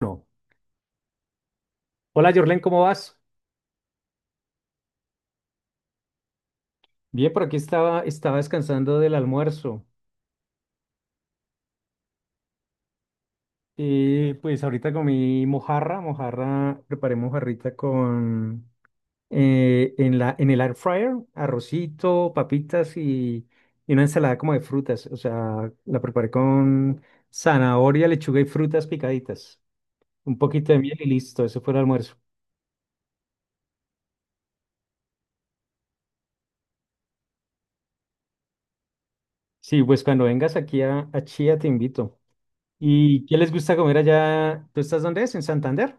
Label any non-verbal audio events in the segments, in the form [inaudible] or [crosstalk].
Bueno, hola, Jorlen, ¿cómo vas? Bien, por aquí estaba descansando del almuerzo. Y pues ahorita comí mojarra, mojarra, preparé mojarrita con en el air fryer, arrocito, papitas y una ensalada como de frutas. O sea, la preparé con zanahoria, lechuga y frutas picaditas. Un poquito de miel y listo, eso fue el almuerzo. Sí, pues cuando vengas aquí a Chía te invito. ¿Y qué les gusta comer allá? ¿Tú estás dónde es? ¿En Santander?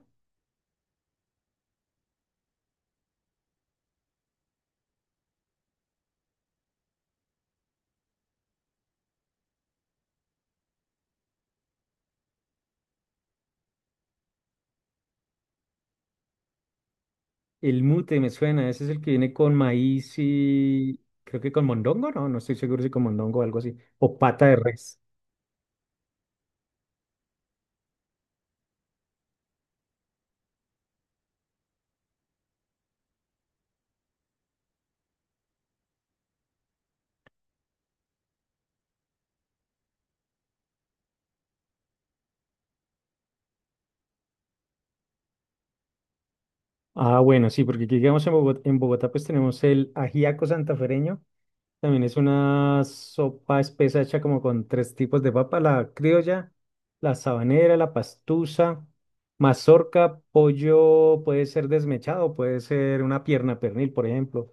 El mute me suena, ese es el que viene con maíz y creo que con mondongo, no, no estoy seguro si con mondongo o algo así, o pata de res. Ah, bueno, sí, porque aquí digamos en Bogotá pues tenemos el ajiaco santafereño, también es una sopa espesa hecha como con tres tipos de papa, la criolla, la sabanera, la pastusa, mazorca, pollo, puede ser desmechado, puede ser una pierna pernil, por ejemplo.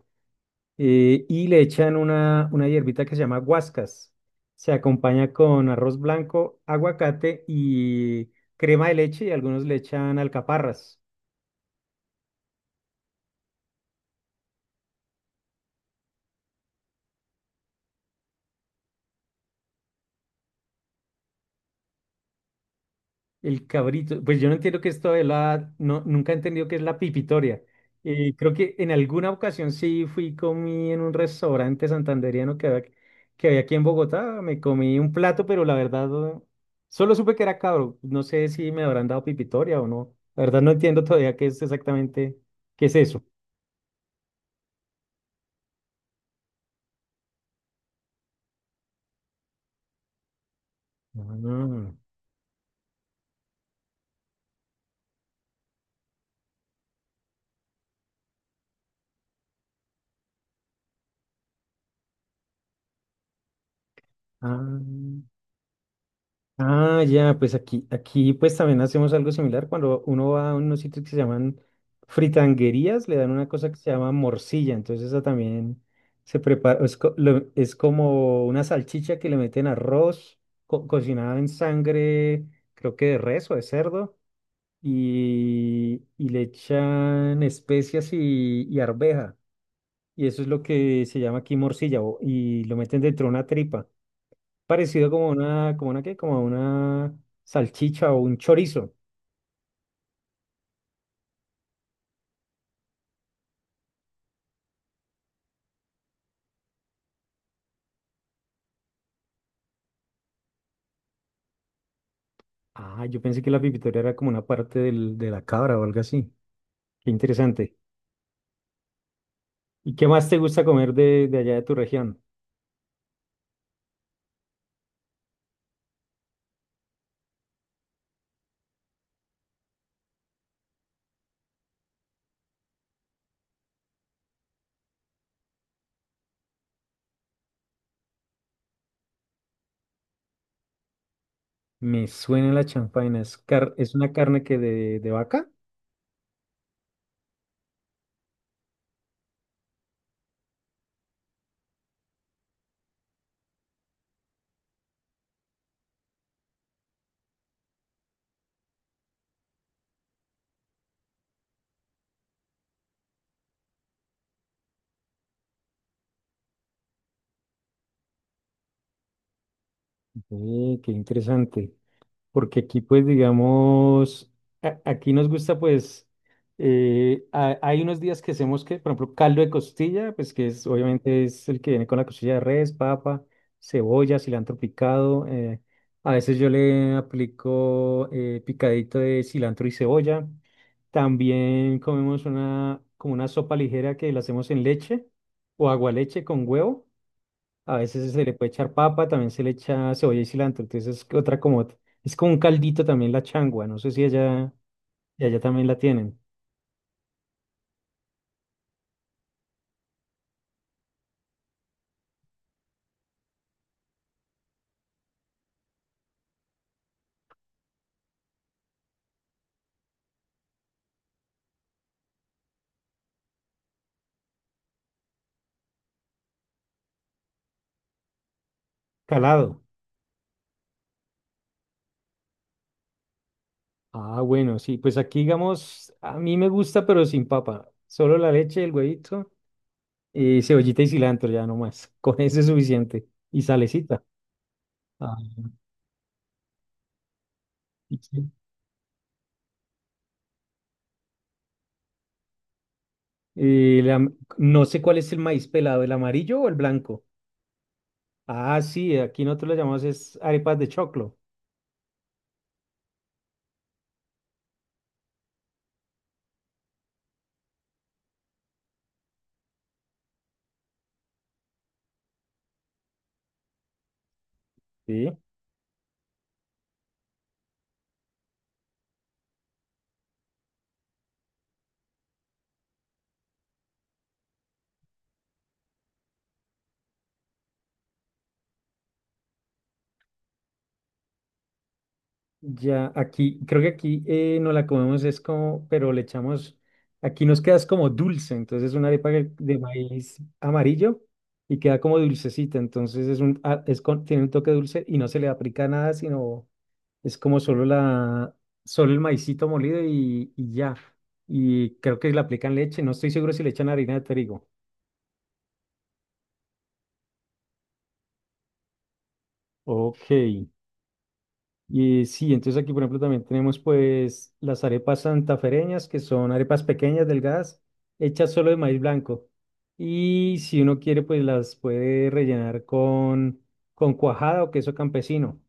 Y le echan una hierbita que se llama guascas. Se acompaña con arroz blanco, aguacate y crema de leche y algunos le echan alcaparras. El cabrito, pues yo no entiendo que esto de la, no, nunca he entendido qué es la pipitoria. Creo que en alguna ocasión sí fui, comí en un restaurante santandereano que había aquí en Bogotá, me comí un plato, pero la verdad eh, solo supe que era cabro. No sé si me habrán dado pipitoria o no. La verdad no entiendo todavía qué es exactamente, qué es eso. Ah, ah. Ah, ya, pues aquí pues también hacemos algo similar. Cuando uno va a unos sitios que se llaman fritanguerías, le dan una cosa que se llama morcilla. Entonces esa también se prepara, es como una salchicha que le meten arroz cocinada en sangre, creo que de res o de cerdo, y le echan especias y arveja. Y eso es lo que se llama aquí morcilla, y lo meten dentro de una tripa. Parecido como una salchicha o un chorizo. Ah, yo pensé que la pipitoria era como una parte de la cabra o algo así. Qué interesante. ¿Y qué más te gusta comer de allá de tu región? Me suena la champaina. ¿Es una carne que de vaca? Qué interesante. Porque aquí pues digamos, aquí nos gusta pues, hay unos días que hacemos que, por ejemplo, caldo de costilla, pues que es obviamente es el que viene con la costilla de res, papa, cebolla, cilantro picado, a veces yo le aplico picadito de cilantro y cebolla, también comemos como una sopa ligera que la hacemos en leche o agualeche con huevo. A veces se le puede echar papa, también se le echa cebolla y cilantro. Entonces es es como un caldito también la changua. No sé si allá, y allá también la tienen. Calado. Ah, bueno, sí. Pues aquí, digamos, a mí me gusta, pero sin papa. Solo la leche, el huevito, y cebollita y cilantro, ya no más. [laughs] Con eso es suficiente. Y salecita. Ah, y sí. Y la- no sé cuál es el maíz pelado, ¿el amarillo o el blanco? Ah, sí, aquí nosotros lo llamamos es arepas de choclo. Sí. Ya, aquí, creo que aquí no la comemos, es como, pero le echamos, aquí nos queda es como dulce, entonces es una arepa de maíz amarillo y queda como dulcecita, entonces es un, ah, es con- tiene un toque dulce y no se le aplica nada, sino es como solo el maicito molido y ya, y creo que le aplican leche, no estoy seguro si le echan harina de trigo. Ok. Y sí, entonces aquí, por ejemplo, también tenemos pues las arepas santafereñas, que son arepas pequeñas, delgadas, hechas solo de maíz blanco. Y si uno quiere, pues las puede rellenar con cuajada o queso campesino.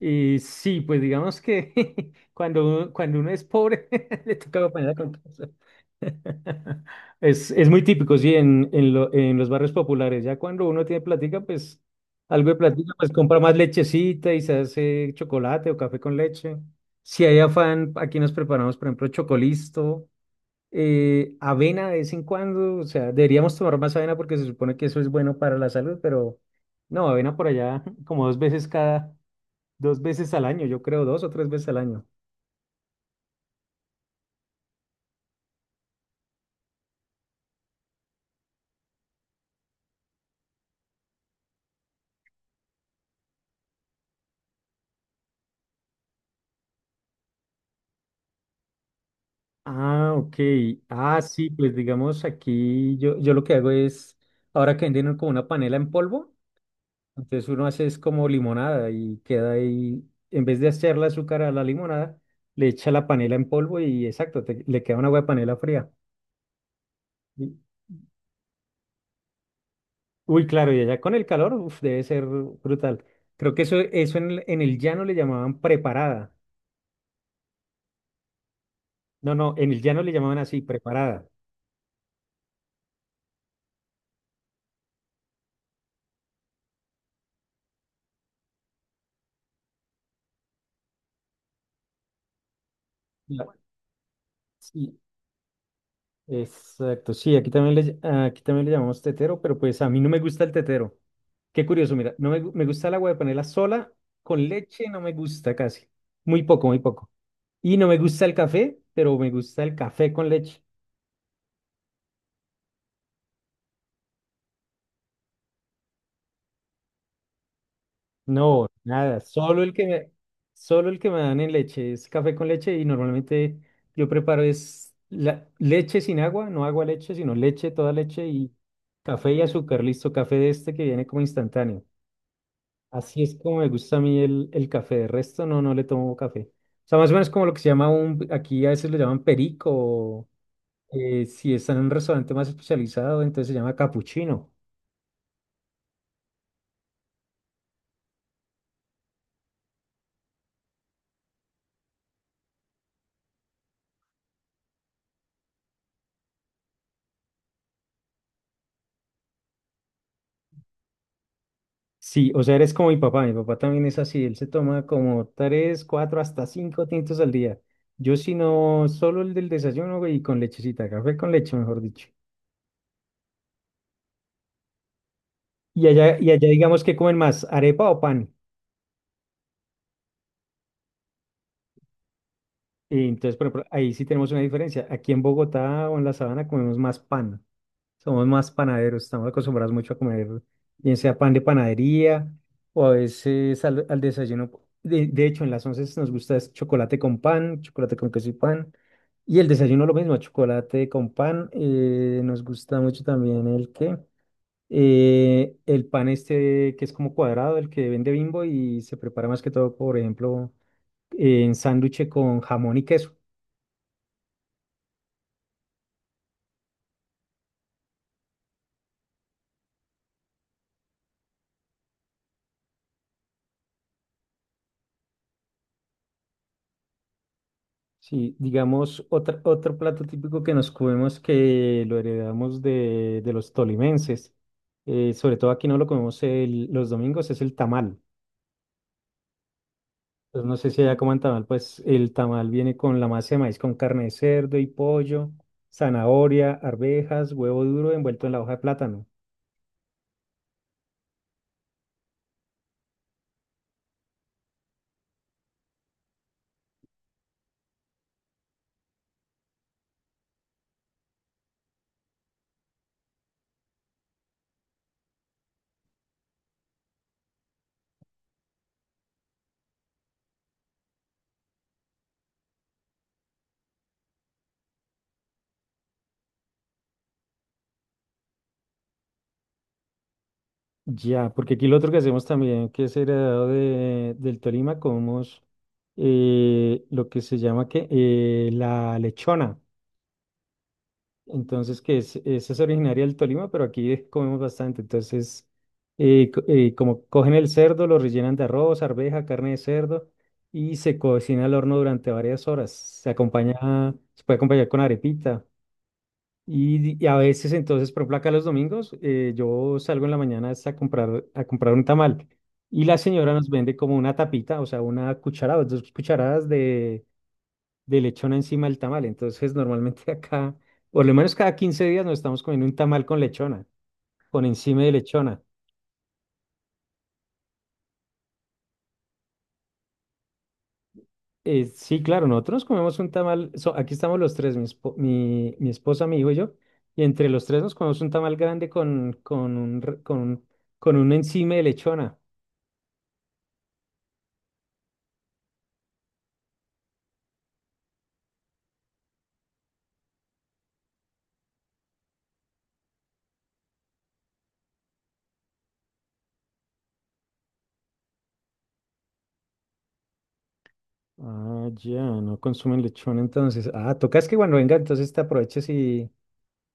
Y sí, pues digamos que [laughs] cuando uno es pobre, [laughs] le toca acompañar con queso. [laughs] Es muy típico, sí, en los barrios populares. Ya cuando uno tiene plática, pues algo de plática, pues compra más lechecita y se hace chocolate o café con leche. Si hay afán, aquí nos preparamos, por ejemplo, chocolisto, avena de vez en cuando. O sea, deberíamos tomar más avena porque se supone que eso es bueno para la salud, pero no, avena por allá [laughs] como dos veces al año, yo creo, dos o tres veces al año. Ah, ok. Ah, sí, pues digamos aquí yo lo que hago es, ahora que venden como una panela en polvo, entonces uno hace es como limonada y queda ahí, en vez de echarle azúcar a la limonada, le echa la panela en polvo y exacto, le queda una agua de panela fría. Y- Uy, claro, y allá con el calor, uf, debe ser brutal. Creo que eso en el llano le llamaban preparada. No, no, en el llano le llamaban así, preparada. La- sí, exacto, sí, aquí también le llamamos tetero, pero pues a mí no me gusta el tetero. Qué curioso, mira, no me, gu- me gusta el agua de panela sola, con leche no me gusta casi, muy poco, muy poco. Y no me gusta el café, pero me gusta el café con leche. No, nada, solo el que me dan en leche es café con leche y normalmente yo preparo es leche sin agua, no agua leche, sino leche, toda leche y café y azúcar, listo, café de este que viene como instantáneo. Así es como me gusta a mí el café. De resto, no, no le tomo café. O sea, más o menos como lo que se llama aquí a veces lo llaman perico, si está en un restaurante más especializado, entonces se llama capuchino. Sí, o sea, eres como mi papá también es así, él se toma como tres, cuatro, hasta cinco tintos al día. Yo si no, solo el del desayuno, güey, y con lechecita, café con leche, mejor dicho. Y allá digamos que comen más, arepa o pan. Y entonces, por ejemplo, ahí sí tenemos una diferencia. Aquí en Bogotá o en la sabana comemos más pan. Somos más panaderos, estamos acostumbrados mucho a comer, bien sea pan de panadería o a veces al desayuno. De hecho, en las once nos gusta es chocolate con pan, chocolate con queso y pan. Y el desayuno lo mismo, chocolate con pan. Nos gusta mucho también el pan este que es como cuadrado, el que vende Bimbo y se prepara más que todo, por ejemplo, en sándwich con jamón y queso. Sí, digamos, otro plato típico que nos comemos que lo heredamos de los tolimenses, sobre todo aquí no lo comemos los domingos, es el tamal. Pues no sé si allá coman tamal, pues el tamal viene con la masa de maíz con carne de cerdo y pollo, zanahoria, arvejas, huevo duro envuelto en la hoja de plátano. Ya, porque aquí lo otro que hacemos también, que es heredado del Tolima, comemos lo que se llama la lechona. Entonces, esa es originaria del Tolima, pero aquí comemos bastante. Entonces, como cogen el cerdo, lo rellenan de arroz, arveja, carne de cerdo y se cocina al horno durante varias horas. Se puede acompañar con arepita. Y a veces, entonces, por ejemplo, acá los domingos, yo salgo en la mañana es a comprar, un tamal. Y la señora nos vende como una tapita, o sea, una cucharada, dos cucharadas de lechona encima del tamal. Entonces, normalmente [laughs] acá, por lo menos cada 15 días nos estamos comiendo un tamal con lechona, con encima de lechona. Sí, claro, nosotros comemos un tamal, aquí estamos los tres, mi esposa, mi hijo y yo, y entre los tres nos comemos un tamal grande con un, re- con un encima de lechona. Ah, ya, no consumen lechona entonces. Ah, tocas que cuando venga, entonces te aproveches y,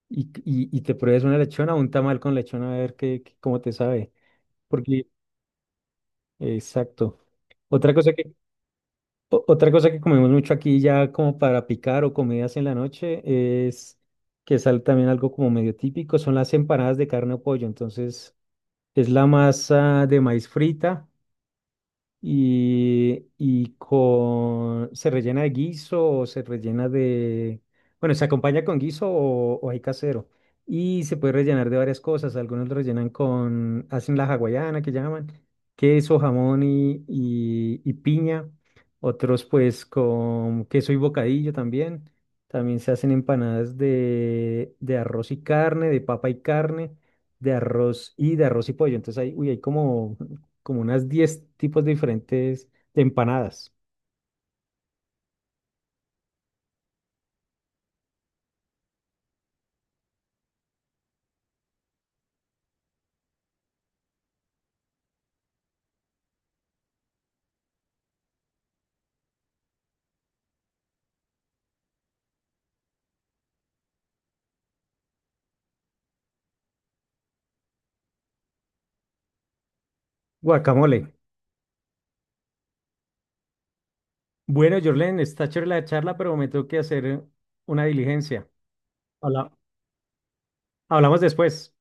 y, y, y te pruebes una lechona o un tamal con lechona a ver cómo te sabe. Porque Exacto. Otra cosa que, otra cosa que comemos mucho aquí ya como para picar o comidas en la noche es que es también algo como medio típico, son las empanadas de carne o pollo. Entonces es la masa de maíz frita y se rellena de guiso o se rellena bueno, se acompaña con guiso o hay casero. Y se puede rellenar de varias cosas. Algunos lo rellenan con, hacen la hawaiana que llaman, queso, jamón y piña. Otros pues con queso y bocadillo también. También se hacen empanadas de arroz y carne, de papa y carne, de arroz y pollo. Entonces, uy, hay como unas 10 tipos diferentes de empanadas. Guacamole. Bueno, Jorlen, está chévere la charla, pero me tengo que hacer una diligencia. Habla- hablamos después.